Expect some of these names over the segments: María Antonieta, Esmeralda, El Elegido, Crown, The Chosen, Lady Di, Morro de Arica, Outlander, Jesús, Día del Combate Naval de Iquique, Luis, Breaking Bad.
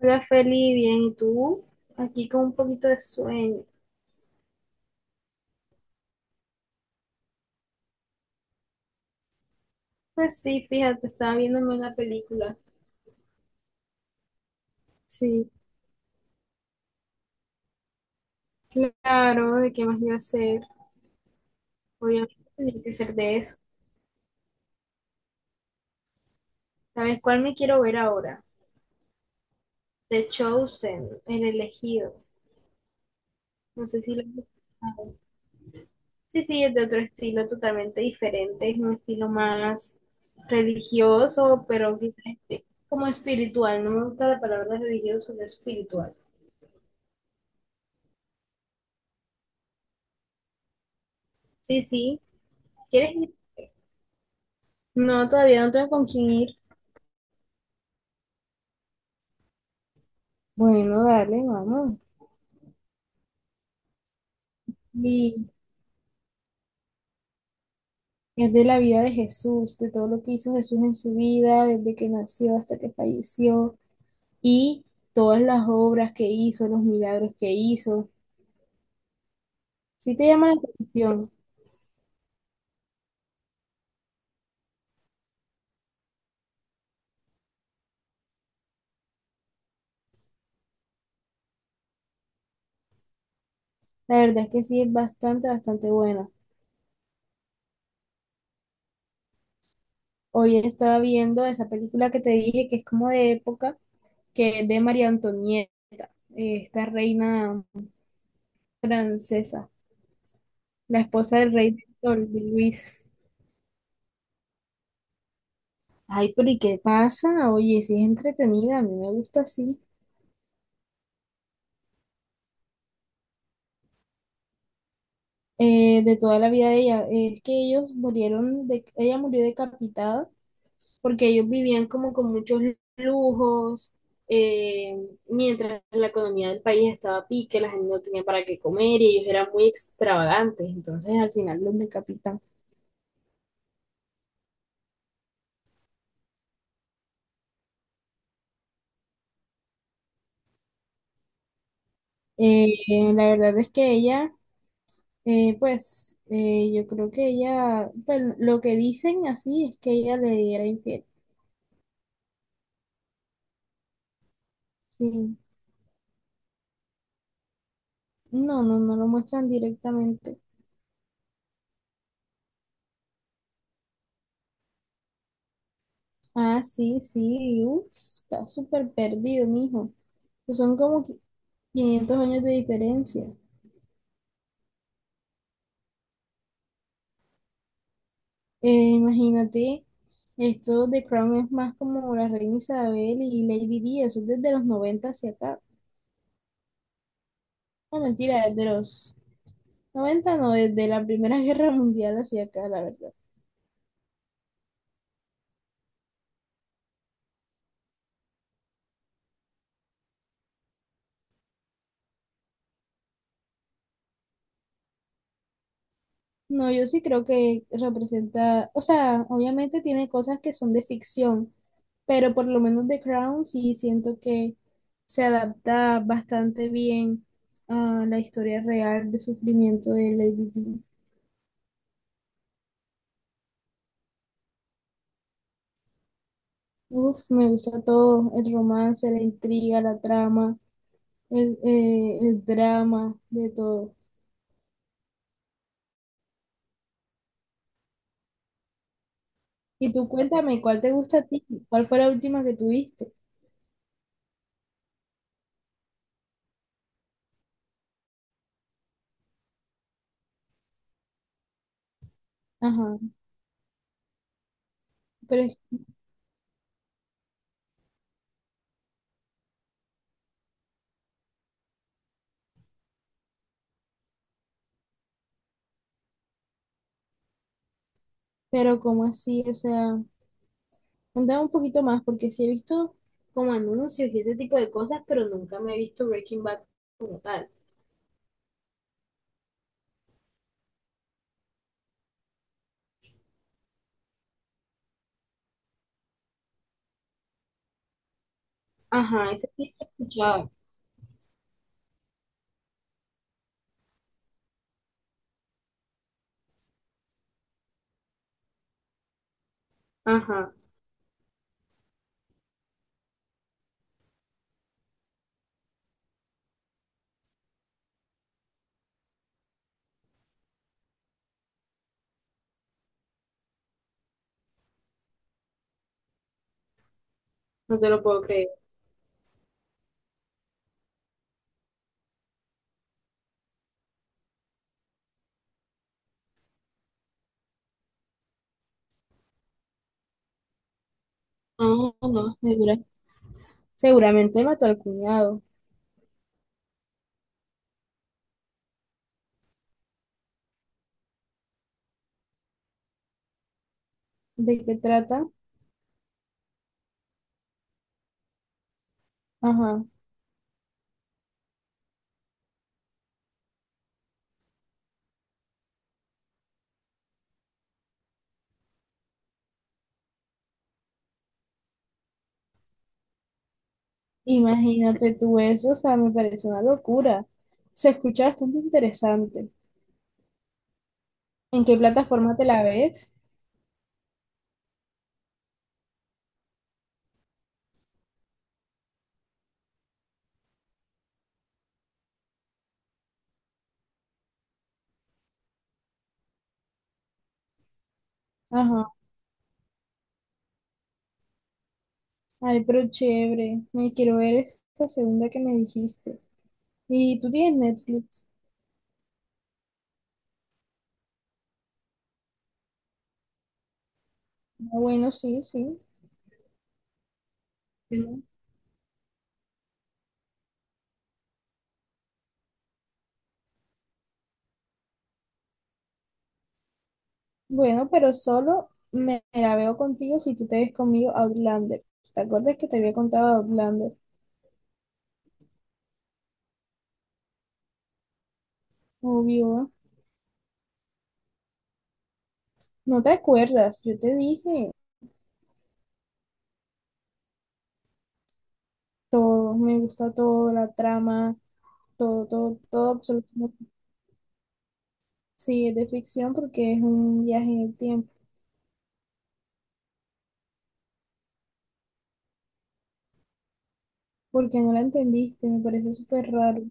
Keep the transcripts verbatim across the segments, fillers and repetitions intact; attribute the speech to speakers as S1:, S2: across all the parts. S1: Hola Feli, bien, ¿y tú? Aquí con un poquito de sueño. Pues sí, fíjate, estaba viéndome una película. Sí, claro, ¿de qué más iba a ser? Obviamente tenía que ser de eso. ¿Sabes cuál me quiero ver ahora? The Chosen, El Elegido. No sé si lo has escuchado. Sí, sí, es de otro estilo totalmente diferente, es un estilo más religioso, pero quizás este, como espiritual. No me gusta la palabra religioso, sino espiritual. Sí, sí. ¿Quieres ir? No, todavía no tengo con quién ir. Bueno, dale, vamos. Y es de la vida de Jesús, de todo lo que hizo Jesús en su vida, desde que nació hasta que falleció, y todas las obras que hizo, los milagros que hizo. Sí te llama la atención. La verdad es que sí es bastante, bastante buena. Hoy estaba viendo esa película que te dije que es como de época, que es de María Antonieta, eh, esta reina francesa, la esposa del rey del sol, de Luis. Ay, pero ¿y qué pasa? Oye, sí es entretenida, a mí me gusta así. Eh, de toda la vida de ella, eh, es que ellos murieron, de, ella murió decapitada porque ellos vivían como con muchos lujos, eh, mientras la economía del país estaba a pique, la gente no tenía para qué comer y ellos eran muy extravagantes, entonces al final los decapitan. Eh, eh, la verdad es que ella, eh, pues, eh, yo creo que ella, pues lo que dicen así es que ella le era infiel. Sí. No, no, no lo muestran directamente. Ah, sí, sí, uf, está súper perdido, mijo. Pues son como qui- quinientos años de diferencia. Eh, imagínate, esto de Crown es más como la reina Isabel y Lady Di, eso es desde los noventa hacia acá. No, mentira, desde los noventa no, desde la Primera Guerra Mundial hacia acá, la verdad. No, yo sí creo que representa, o sea, obviamente tiene cosas que son de ficción, pero por lo menos The Crown sí siento que se adapta bastante bien a la historia real de sufrimiento de Lady Di. Uf, me gusta todo, el romance, la intriga, la trama, el, eh, el drama, de todo. Y tú cuéntame, ¿cuál te gusta a ti? ¿Cuál fue la última que tuviste? Ajá, pero, pero ¿cómo así? O sea. Contame un poquito más, porque sí he visto como anuncios y ese tipo de cosas, pero nunca me he visto Breaking Bad como tal. Ajá, ese sí lo he escuchado. Ajá, no te lo puedo creer. No, no, segura- seguramente mató al cuñado. ¿De qué trata? Ajá, imagínate tú eso, o sea, me parece una locura. Se escucha bastante interesante. ¿En qué plataforma te la ves? Ajá, ay, pero chévere, me quiero ver esa segunda que me dijiste. ¿Y tú tienes Netflix? Ah, bueno, sí, sí. Bueno, bueno, pero solo me me la veo contigo si tú te ves conmigo a Outlander. ¿Te acuerdas que te había contado de Outlander? Obvio. No te acuerdas, yo te dije todo, me gusta todo, la trama, todo, todo, todo, absolutamente. Sí, es de ficción porque es un viaje en el tiempo. Porque no la entendiste, me parece súper raro.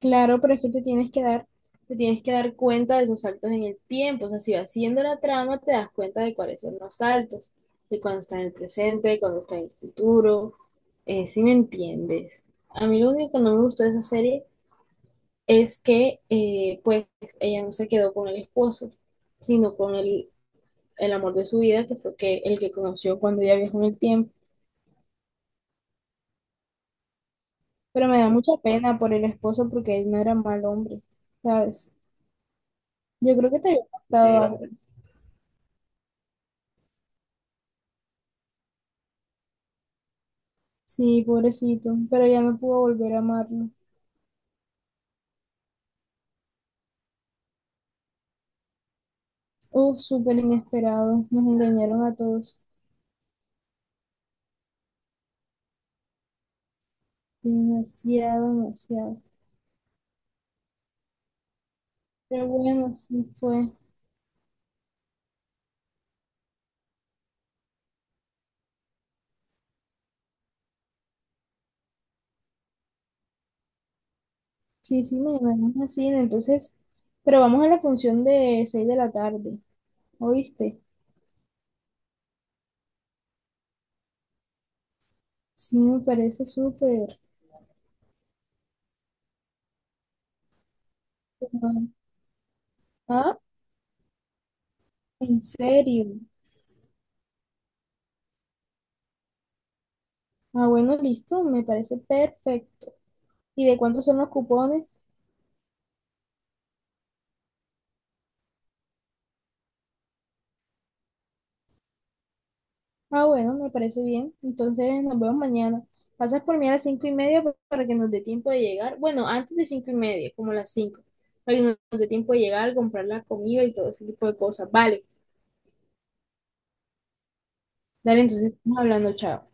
S1: Claro, pero es que te tienes que dar, te tienes que dar cuenta de esos saltos en el tiempo. O sea, si vas siguiendo la trama, te das cuenta de cuáles son los saltos, de cuando está en el presente, de cuando está en el futuro. Eh, si me entiendes. A mí lo único que no me gustó de esa serie es que, eh, pues, ella no se quedó con el esposo, sino con el, el amor de su vida, que fue que, el que conoció cuando ella viajó en el tiempo. Pero me da mucha pena por el esposo porque él no era mal hombre, ¿sabes? Yo creo que te había Sí, contado Sí, pobrecito, pero ya no pudo volver a amarlo. Uf, súper inesperado, nos engañaron a todos. Demasiado, demasiado. Pero bueno, así fue. Sí, sí, mañana vamos a cine, entonces. Pero vamos a la función de seis de la tarde, ¿oíste? Sí, me parece súper. Ah, ¿en serio? Ah, bueno, listo, me parece perfecto. ¿Y de cuántos son los cupones? Ah, bueno, me parece bien. Entonces nos vemos mañana. Pasas por mí a las cinco y media pa- para que nos dé tiempo de llegar. Bueno, antes de cinco y media, como las cinco, para que nos nos dé tiempo de llegar, comprar la comida y todo ese tipo de cosas. Vale, dale, entonces estamos hablando, chao.